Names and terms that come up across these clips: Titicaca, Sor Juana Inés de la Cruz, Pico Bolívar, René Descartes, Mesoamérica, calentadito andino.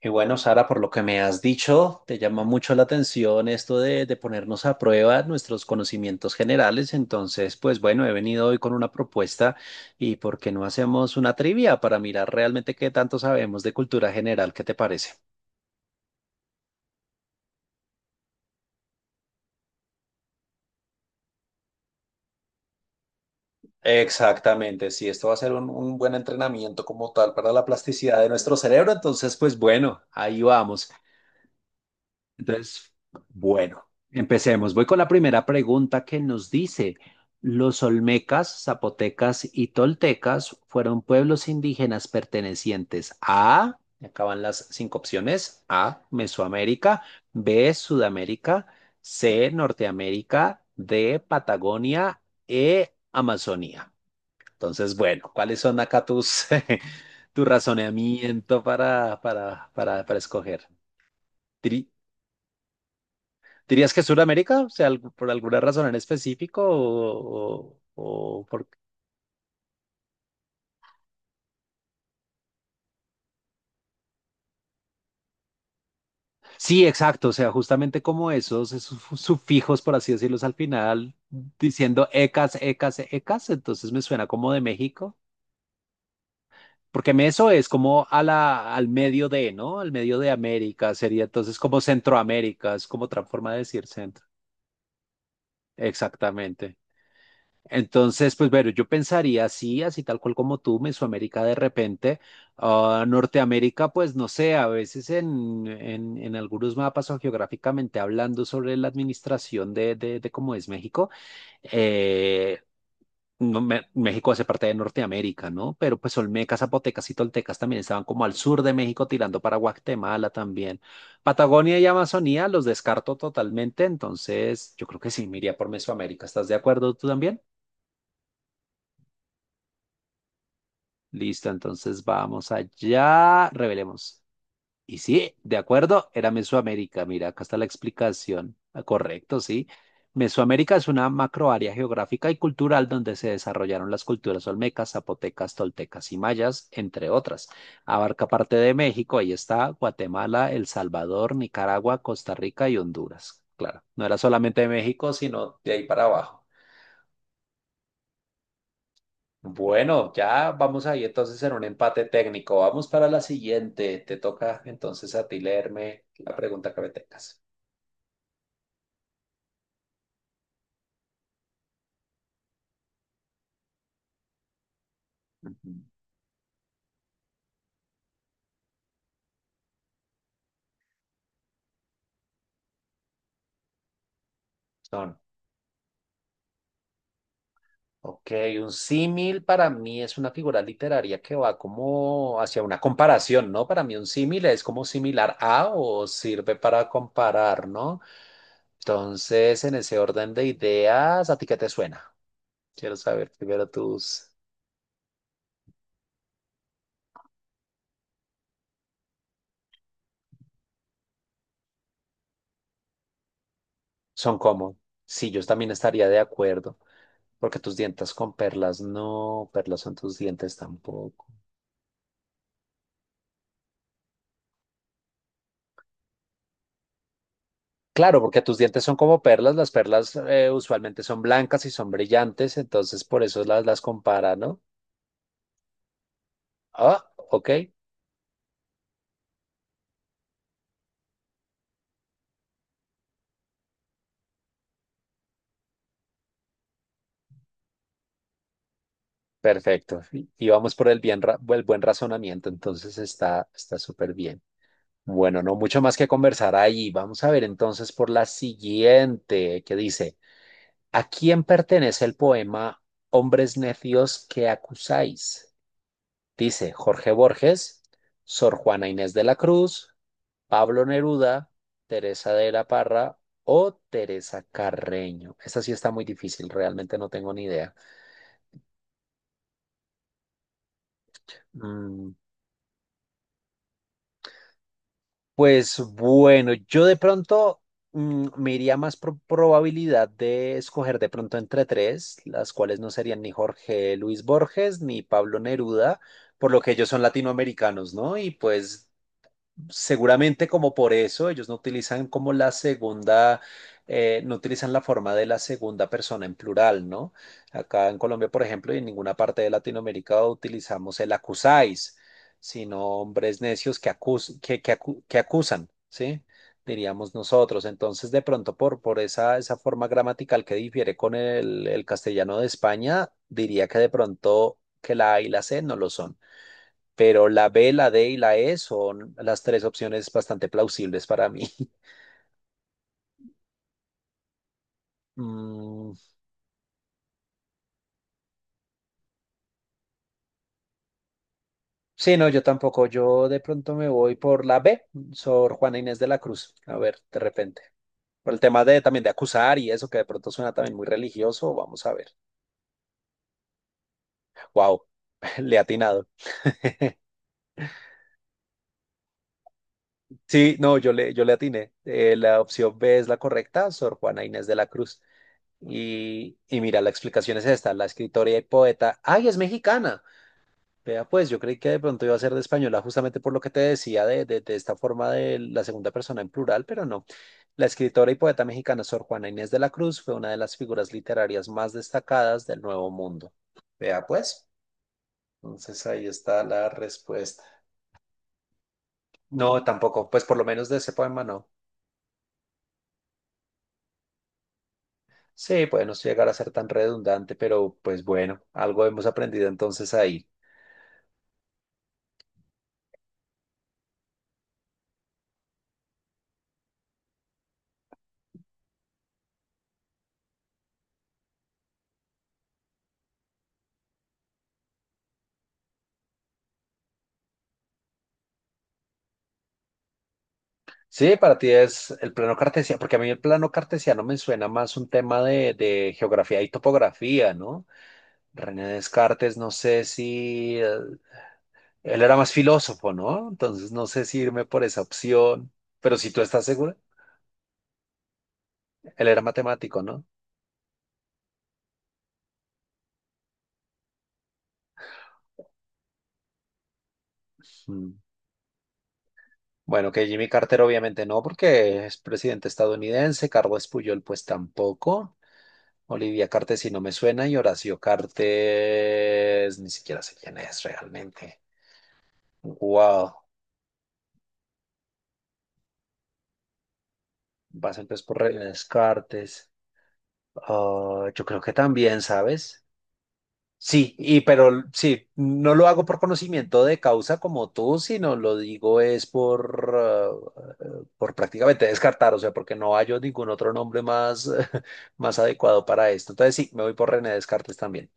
Y bueno, Sara, por lo que me has dicho, te llama mucho la atención esto de ponernos a prueba nuestros conocimientos generales. Entonces, pues bueno, he venido hoy con una propuesta y ¿por qué no hacemos una trivia para mirar realmente qué tanto sabemos de cultura general? ¿Qué te parece? Exactamente, sí, esto va a ser un buen entrenamiento como tal para la plasticidad de nuestro cerebro, entonces pues bueno, ahí vamos. Entonces, bueno, empecemos. Voy con la primera pregunta que nos dice, los olmecas, zapotecas y toltecas fueron pueblos indígenas pertenecientes a, acaban las cinco opciones, A, Mesoamérica, B, Sudamérica, C, Norteamérica, D, Patagonia, E, Amazonía. Entonces, bueno, ¿cuáles son acá tu razonamiento para escoger? Tri- ¿Dirías que Sudamérica? O sea, por alguna razón en específico o por. Sí, exacto. O sea, justamente como sufijos, por así decirlos, al final, diciendo ecas, ecas, ecas, entonces me suena como de México. Porque eso es como a la, al medio de, ¿no? Al medio de América, sería entonces como Centroamérica, es como otra forma de decir centro. Exactamente. Entonces, pues bueno, yo pensaría, así, así tal cual como tú, Mesoamérica de repente, ah, Norteamérica, pues no sé, a veces en algunos mapas o geográficamente hablando sobre la administración de cómo es México, eh, no, México hace parte de Norteamérica, ¿no? Pero pues olmecas, zapotecas y toltecas también estaban como al sur de México tirando para Guatemala también. Patagonia y Amazonía los descarto totalmente, entonces yo creo que sí, me iría por Mesoamérica. ¿Estás de acuerdo tú también? Listo, entonces vamos allá, revelemos. Y sí, de acuerdo, era Mesoamérica. Mira, acá está la explicación. Ah, correcto, sí. Mesoamérica es una macroárea geográfica y cultural donde se desarrollaron las culturas olmecas, zapotecas, toltecas y mayas, entre otras. Abarca parte de México, ahí está, Guatemala, El Salvador, Nicaragua, Costa Rica y Honduras. Claro, no era solamente de México, sino de ahí para abajo. Bueno, ya vamos ahí entonces en un empate técnico. Vamos para la siguiente. Te toca entonces a ti leerme la pregunta que me tengas. Ujú. Son, ok, un símil para mí es una figura literaria que va como hacia una comparación, ¿no? Para mí un símil es como similar a o sirve para comparar, ¿no? Entonces, en ese orden de ideas, ¿a ti qué te suena? Quiero saber primero tus. Son como. Sí, yo también estaría de acuerdo. Porque tus dientes con perlas no, perlas son tus dientes tampoco. Claro, porque tus dientes son como perlas, las perlas usualmente son blancas y son brillantes, entonces por eso las compara, ¿no? Ah, ok, perfecto. Y vamos por el buen razonamiento, entonces está súper bien. Bueno, no mucho más que conversar ahí. Vamos a ver entonces por la siguiente, que dice, ¿a quién pertenece el poema Hombres necios que acusáis? Dice Jorge Borges, Sor Juana Inés de la Cruz, Pablo Neruda, Teresa de la Parra o Teresa Carreño. Esta sí está muy difícil, realmente no tengo ni idea. Mm, pues bueno, yo de pronto me iría más por probabilidad de escoger de pronto entre tres, las cuales no serían ni Jorge Luis Borges ni Pablo Neruda, por lo que ellos son latinoamericanos, ¿no? Y pues seguramente como por eso ellos no utilizan como la segunda, no utilizan la forma de la segunda persona en plural, ¿no? Acá en Colombia, por ejemplo, y en ninguna parte de Latinoamérica utilizamos el acusáis, sino hombres necios que, acus- que acu- que acusan, ¿sí? Diríamos nosotros. Entonces, de pronto, por esa, esa forma gramatical que difiere con el castellano de España, diría que de pronto que la A y la C no lo son, pero la B, la D y la E son las tres opciones bastante plausibles para mí. Mm, sí, no, yo tampoco. Yo de pronto me voy por la B, Sor Juana Inés de la Cruz. A ver, de repente. Por el tema de también de acusar y eso que de pronto suena también muy religioso, vamos a ver. Wow, le he atinado. Sí, no, yo le atiné. La opción B es la correcta, Sor Juana Inés de la Cruz. Y mira, la explicación es esta, la escritora y poeta, ay, es mexicana. Vea, pues yo creí que de pronto iba a ser de española justamente por lo que te decía de, de esta forma de la segunda persona en plural, pero no. La escritora y poeta mexicana Sor Juana Inés de la Cruz fue una de las figuras literarias más destacadas del Nuevo Mundo. Vea, pues, entonces ahí está la respuesta. No, tampoco, pues por lo menos de ese poema no. Sí, puede no llegar a ser tan redundante, pero pues bueno, algo hemos aprendido entonces ahí. Sí, para ti es el plano cartesiano, porque a mí el plano cartesiano me suena más un tema de geografía y topografía, ¿no? René Descartes, no sé si él era más filósofo, ¿no? Entonces no sé si irme por esa opción, pero si tú estás segura, él era matemático, ¿no? Mm. Bueno, que Jimmy Carter obviamente no, porque es presidente estadounidense, Carlos Puyol pues tampoco, Olivia Cartes si no me suena y Horacio Cartes ni siquiera sé quién es realmente. Wow. Vas entonces por Reina Descartes. Ah, yo creo que también, ¿sabes? Sí, y pero sí, no lo hago por conocimiento de causa como tú, sino lo digo es por prácticamente descartar, o sea, porque no hallo ningún otro nombre más, más adecuado para esto. Entonces sí, me voy por René Descartes también.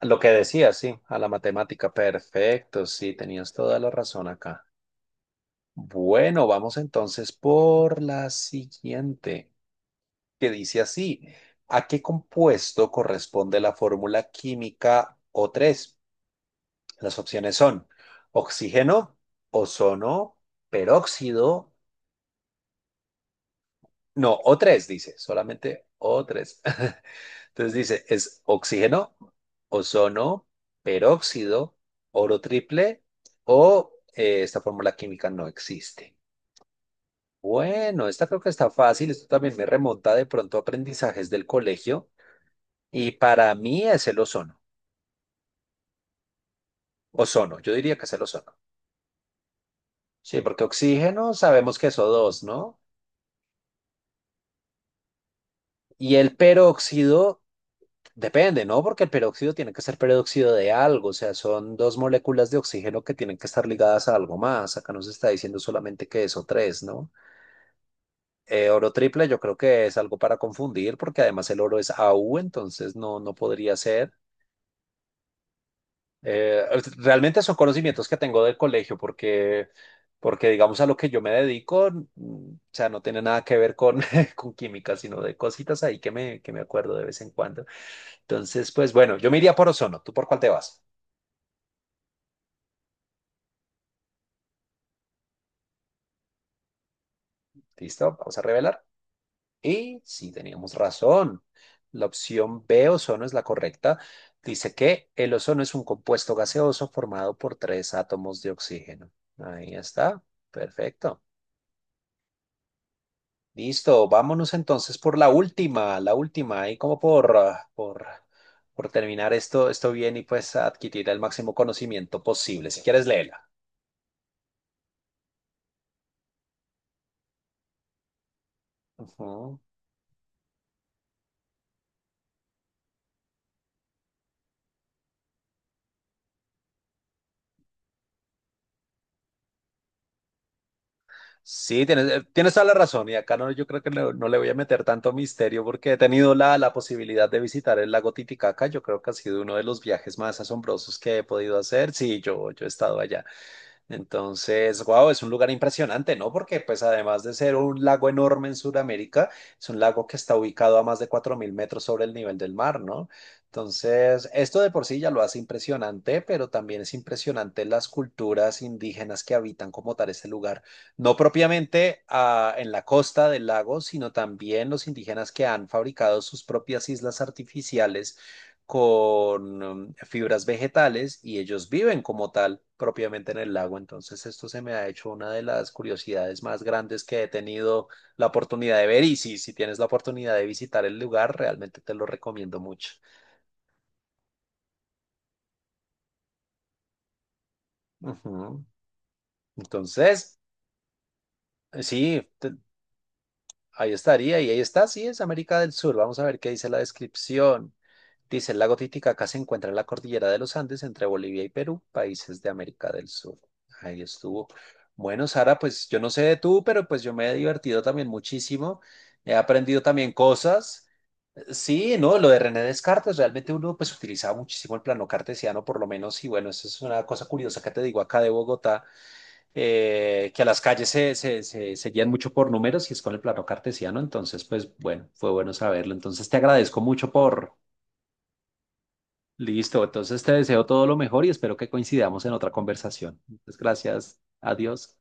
Lo que decías, sí, a la matemática, perfecto, sí, tenías toda la razón acá. Bueno, vamos entonces por la siguiente, que dice así, ¿a qué compuesto corresponde la fórmula química O3? Las opciones son oxígeno, ozono, peróxido, no, O3 dice, solamente O3. Entonces dice, es oxígeno, ozono, peróxido, oro triple o esta fórmula química no existe. Bueno, esta creo que está fácil, esto también me remonta de pronto a aprendizajes del colegio y para mí es el ozono. Ozono, yo diría que es el ozono. Sí, porque oxígeno sabemos que es O2, ¿no? Y el peróxido, depende, ¿no? Porque el peróxido tiene que ser peróxido de algo, o sea, son dos moléculas de oxígeno que tienen que estar ligadas a algo más. Acá nos está diciendo solamente que es O3, ¿no? Oro triple yo creo que es algo para confundir, porque además el oro es AU, entonces no, no podría ser. Eh, realmente son conocimientos que tengo del colegio, porque, porque digamos a lo que yo me dedico, o sea, no tiene nada que ver con, con química, sino de cositas ahí que me acuerdo de vez en cuando. Entonces, pues bueno, yo me iría por ozono. ¿Tú por cuál te vas? ¿Listo? Vamos a revelar. Y sí, teníamos razón. La opción B, ozono, es la correcta. Dice que el ozono es un compuesto gaseoso formado por tres átomos de oxígeno. Ahí está. Perfecto. Listo, vámonos entonces por la última, ahí como por terminar esto bien y pues adquirir el máximo conocimiento posible. Si quieres, léela. Ujú. Sí, tienes, tienes toda la razón y acá no, yo creo que no, no le voy a meter tanto misterio porque he tenido la posibilidad de visitar el lago Titicaca. Yo creo que ha sido uno de los viajes más asombrosos que he podido hacer. Sí, yo he estado allá. Entonces, wow, es un lugar impresionante, ¿no? Porque pues además de ser un lago enorme en Sudamérica, es un lago que está ubicado a más de 4.000 metros sobre el nivel del mar, ¿no? Entonces, esto de por sí ya lo hace impresionante, pero también es impresionante las culturas indígenas que habitan como tal este lugar, no propiamente en la costa del lago, sino también los indígenas que han fabricado sus propias islas artificiales con fibras vegetales y ellos viven como tal propiamente en el lago. Entonces esto se me ha hecho una de las curiosidades más grandes que he tenido la oportunidad de ver y si tienes la oportunidad de visitar el lugar, realmente te lo recomiendo mucho. Ujú. Entonces, sí, ahí estaría, y ahí está, sí, es América del Sur. Vamos a ver qué dice la descripción. Dice, el lago Titicaca se encuentra en la cordillera de los Andes entre Bolivia y Perú, países de América del Sur. Ahí estuvo. Bueno, Sara, pues yo no sé de tú, pero pues yo me he divertido también muchísimo. He aprendido también cosas. Sí, no, lo de René Descartes, realmente uno pues utilizaba muchísimo el plano cartesiano, por lo menos, y bueno, eso es una cosa curiosa que te digo acá de Bogotá que a las calles se guían mucho por números y es con el plano cartesiano. Entonces, pues bueno, fue bueno saberlo. Entonces, te agradezco mucho por. Listo, entonces te deseo todo lo mejor y espero que coincidamos en otra conversación. Muchas gracias. Adiós.